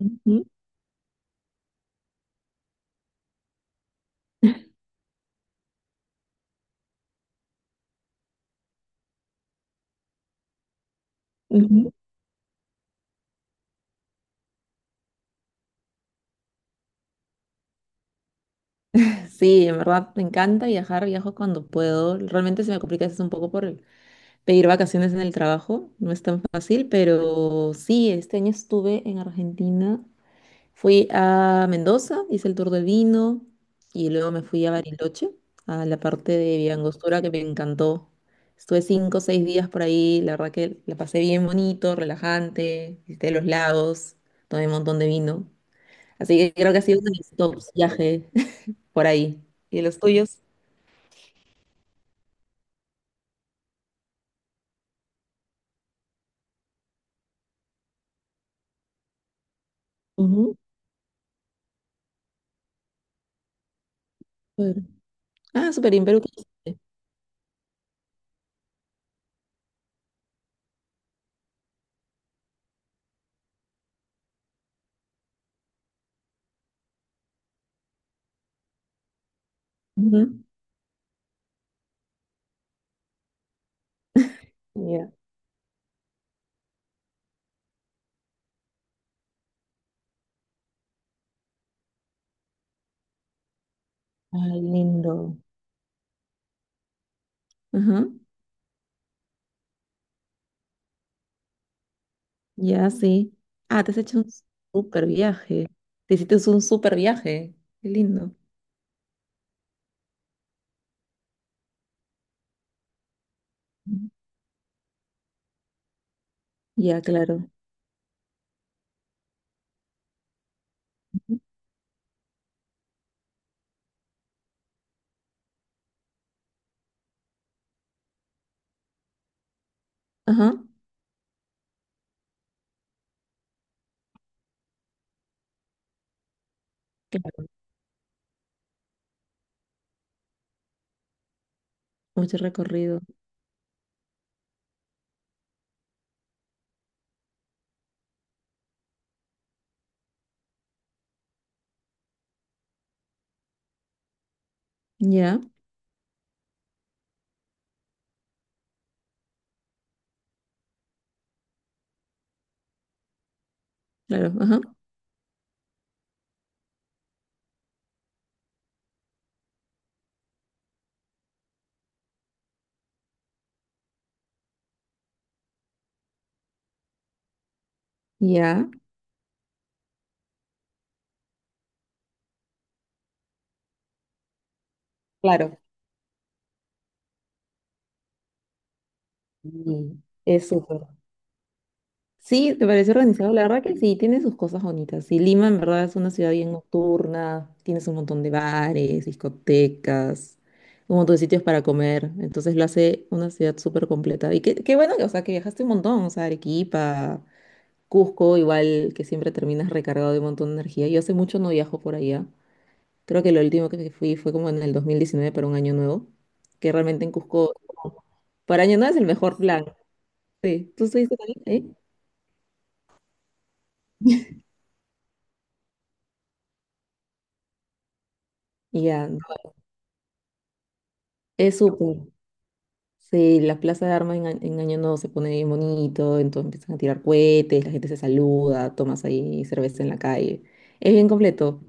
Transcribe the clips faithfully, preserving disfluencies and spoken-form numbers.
Ujú, ujú. Sí, en verdad me encanta viajar, viajo cuando puedo. Realmente se me complica a veces un poco por el- pedir vacaciones en el trabajo, no es tan fácil, pero sí, este año estuve en Argentina, fui a Mendoza, hice el tour del vino y luego me fui a Bariloche, a la parte de Villangostura que me encantó. Estuve cinco o seis días por ahí, la verdad que la pasé bien bonito, relajante, visité los lagos, tomé un montón de vino. Así que creo que ha sido uno de mis tops viajes por ahí. ¿Y los tuyos? Ujú, Perú. Ah, súper bien, Perú. Conocí. Ujú. Ya. Ay, lindo. Ajá, ya, sí. Ah, te has hecho un súper viaje. Te hiciste un súper viaje. Qué lindo. Ujú. Ya, claro. Ajá. Claro. Mucho recorrido. Ya, claro. Ajá. Ya. Claro. Mm, es súper. Sí, te parece organizado. La verdad que sí, tiene sus cosas bonitas. Y Lima en verdad es una ciudad bien nocturna, tienes un montón de bares, discotecas, un montón de sitios para comer. Entonces lo hace una ciudad súper completa. Y qué, qué bueno que, o sea, que viajaste un montón, o sea, Arequipa, Cusco, igual que siempre terminas recargado de un montón de energía. Yo hace mucho no viajo por allá. Creo que lo último que fui fue como en el dos mil diecinueve para un año nuevo, que realmente en Cusco, para año nuevo es el mejor plan. Sí, ¿tú estuviste también ahí? Ya, es súper. Sí, la plaza de armas en, a- en Año Nuevo se pone bien bonito, entonces empiezan a tirar cohetes, la gente se saluda, tomas ahí cerveza en la calle. Es bien completo.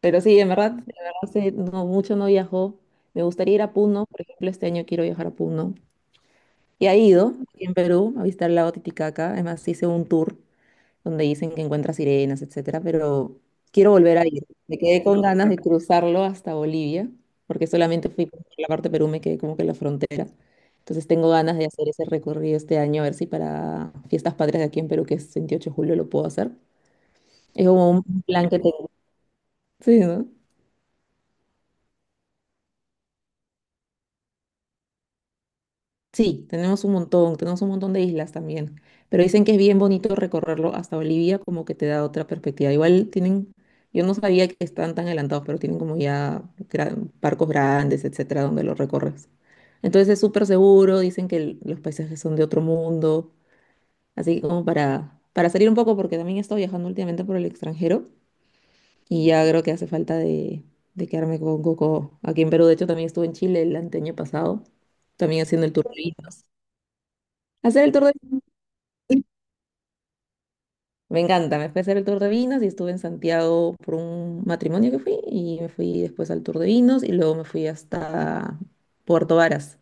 Pero sí, en verdad, en verdad sí, no, mucho no viajó. Me gustaría ir a Puno, por ejemplo, este año quiero viajar a Puno. Y ha ido aquí en Perú a visitar el lago Titicaca, además hice un tour donde dicen que encuentra sirenas, etcétera, pero quiero volver a ir. Me quedé con ganas de cruzarlo hasta Bolivia, porque solamente fui por la parte de Perú, me quedé como que en la frontera. Entonces tengo ganas de hacer ese recorrido este año, a ver si para Fiestas Patrias de aquí en Perú, que es veintiocho de julio, lo puedo hacer. Es como un plan que tengo. Sí, ¿no? Sí, tenemos un montón, tenemos un montón de islas también, pero dicen que es bien bonito recorrerlo hasta Bolivia, como que te da otra perspectiva. Igual tienen, yo no sabía que están tan adelantados, pero tienen como ya gran- barcos grandes, etcétera, donde lo recorres. Entonces es súper seguro, dicen que el- los paisajes son de otro mundo, así que como para, para salir un poco, porque también he estado viajando últimamente por el extranjero y ya creo que hace falta de, de quedarme con coco aquí en Perú. De hecho, también estuve en Chile el anteaño pasado, también haciendo el tour de vinos. Hacer el tour de me encanta, me fui a hacer el tour de vinos y estuve en Santiago por un matrimonio que fui y me fui después al tour de vinos y luego me fui hasta Puerto Varas,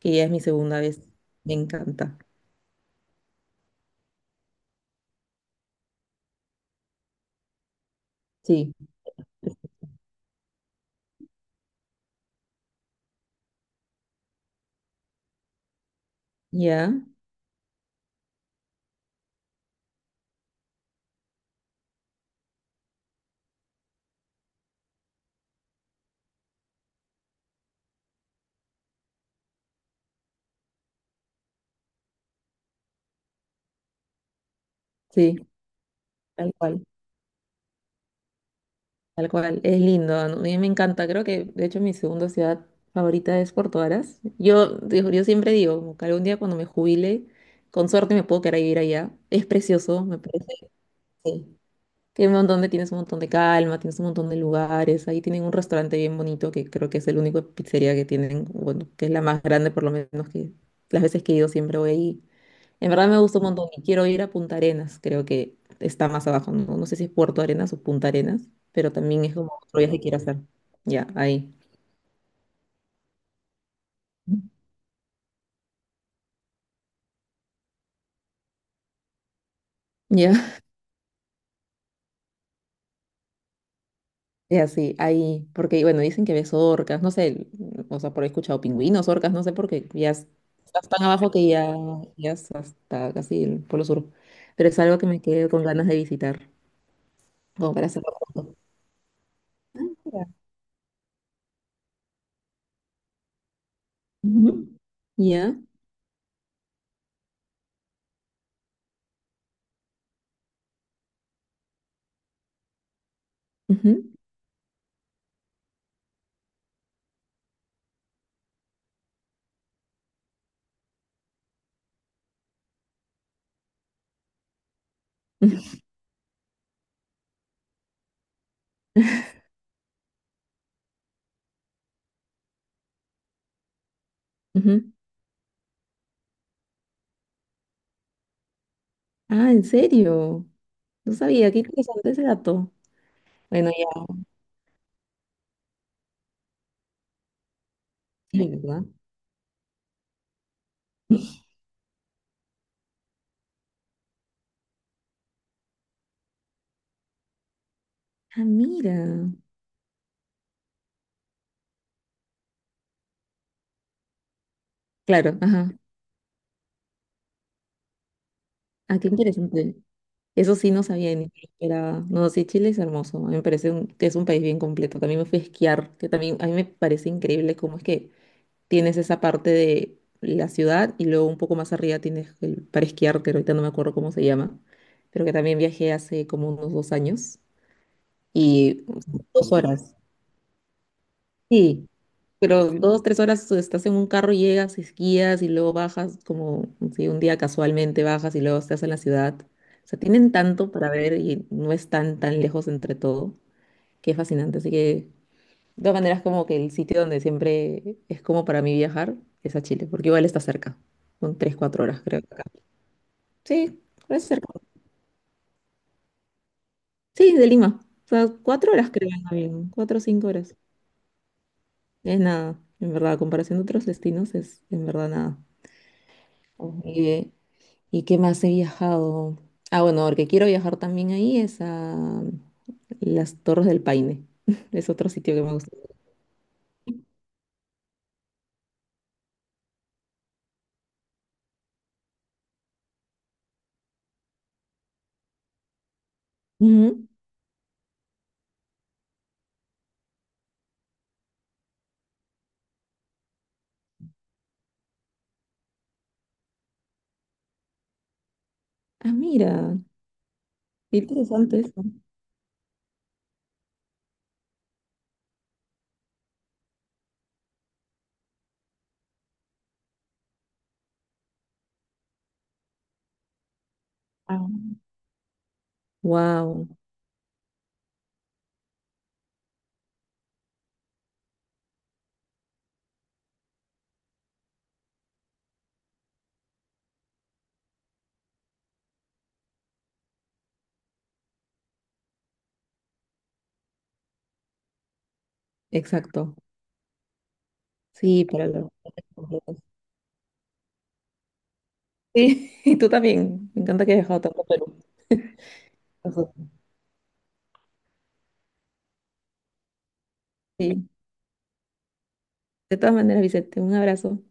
que ya es mi segunda vez. Me encanta. Sí, ya, sí, tal cual, tal cual. Es lindo, ¿no? A mí me encanta. Creo que, de hecho, mi segunda ciudad favorita es Puerto Varas. Yo, digo- yo siempre digo, como que algún día cuando me jubile, con suerte me puedo quedar a vivir allá. Es precioso, me parece. Sí. Tiene un montón de, tienes un montón de calma, tienes un montón de lugares. Ahí tienen un restaurante bien bonito que creo que es el único pizzería que tienen, bueno, que es la más grande por lo menos que las veces que he ido siempre voy ahí. En verdad me gusta un montón y quiero ir a Punta Arenas, creo que está más abajo, no, no sé si es Puerto Arenas o Punta Arenas, pero también es como otro viaje que quiero hacer. Ya, ahí. Ya. Y así, ahí, porque bueno, dicen que ves orcas, no sé, o sea, por ahí he escuchado pingüinos, orcas, no sé, porque ya es- estás tan abajo que ya, ya es hasta casi el Polo Sur. Pero es algo que me quedo con ganas de visitar, como para hacerlo pronto. Ya. Ujú. Ya, ujú, ujú. Ah, ¿en serio? No sabía, qué interesante ese dato. Bueno, ya, sí, ¿verdad? Ah, mira. Claro, ajá. Ah, qué interesante. Eso sí no sabía ni me esperaba. No, sí, Chile es hermoso. A mí me parece un- que es un país bien completo. También me fui a esquiar, que también a mí me parece increíble cómo es que tienes esa parte de la ciudad y luego un poco más arriba tienes el, para esquiar, que ahorita no me acuerdo cómo se llama, pero que también viajé hace como unos dos años y dos horas. Sí, pero dos, tres horas estás en un carro, llegas, esquías y luego bajas, como si un día casualmente bajas y luego estás en la ciudad. O sea, tienen tanto para ver y no están tan tan lejos entre todo, que es fascinante. Así que, de todas maneras, como que el sitio donde siempre es como para mí viajar es a Chile, porque igual está cerca. Son tres, cuatro horas, creo. Acá. Sí, es cerca. Sí, de Lima. O sea, cuatro horas creo en avión, cuatro o cinco horas. Es nada, en verdad, a comparación de otros destinos, es en verdad nada. Ok. Y, eh, ¿y qué más he viajado? Ah, bueno, porque quiero viajar también ahí es a las Torres del Paine. Es otro sitio que me gusta. Ujú. Ah, mira, qué interesante eso. Wow, exacto. Sí, para los viajes completos. Sí, y tú también. Me encanta que hayas viajado tanto a Perú. Ojo. Sí. De todas maneras, Vicente, un abrazo.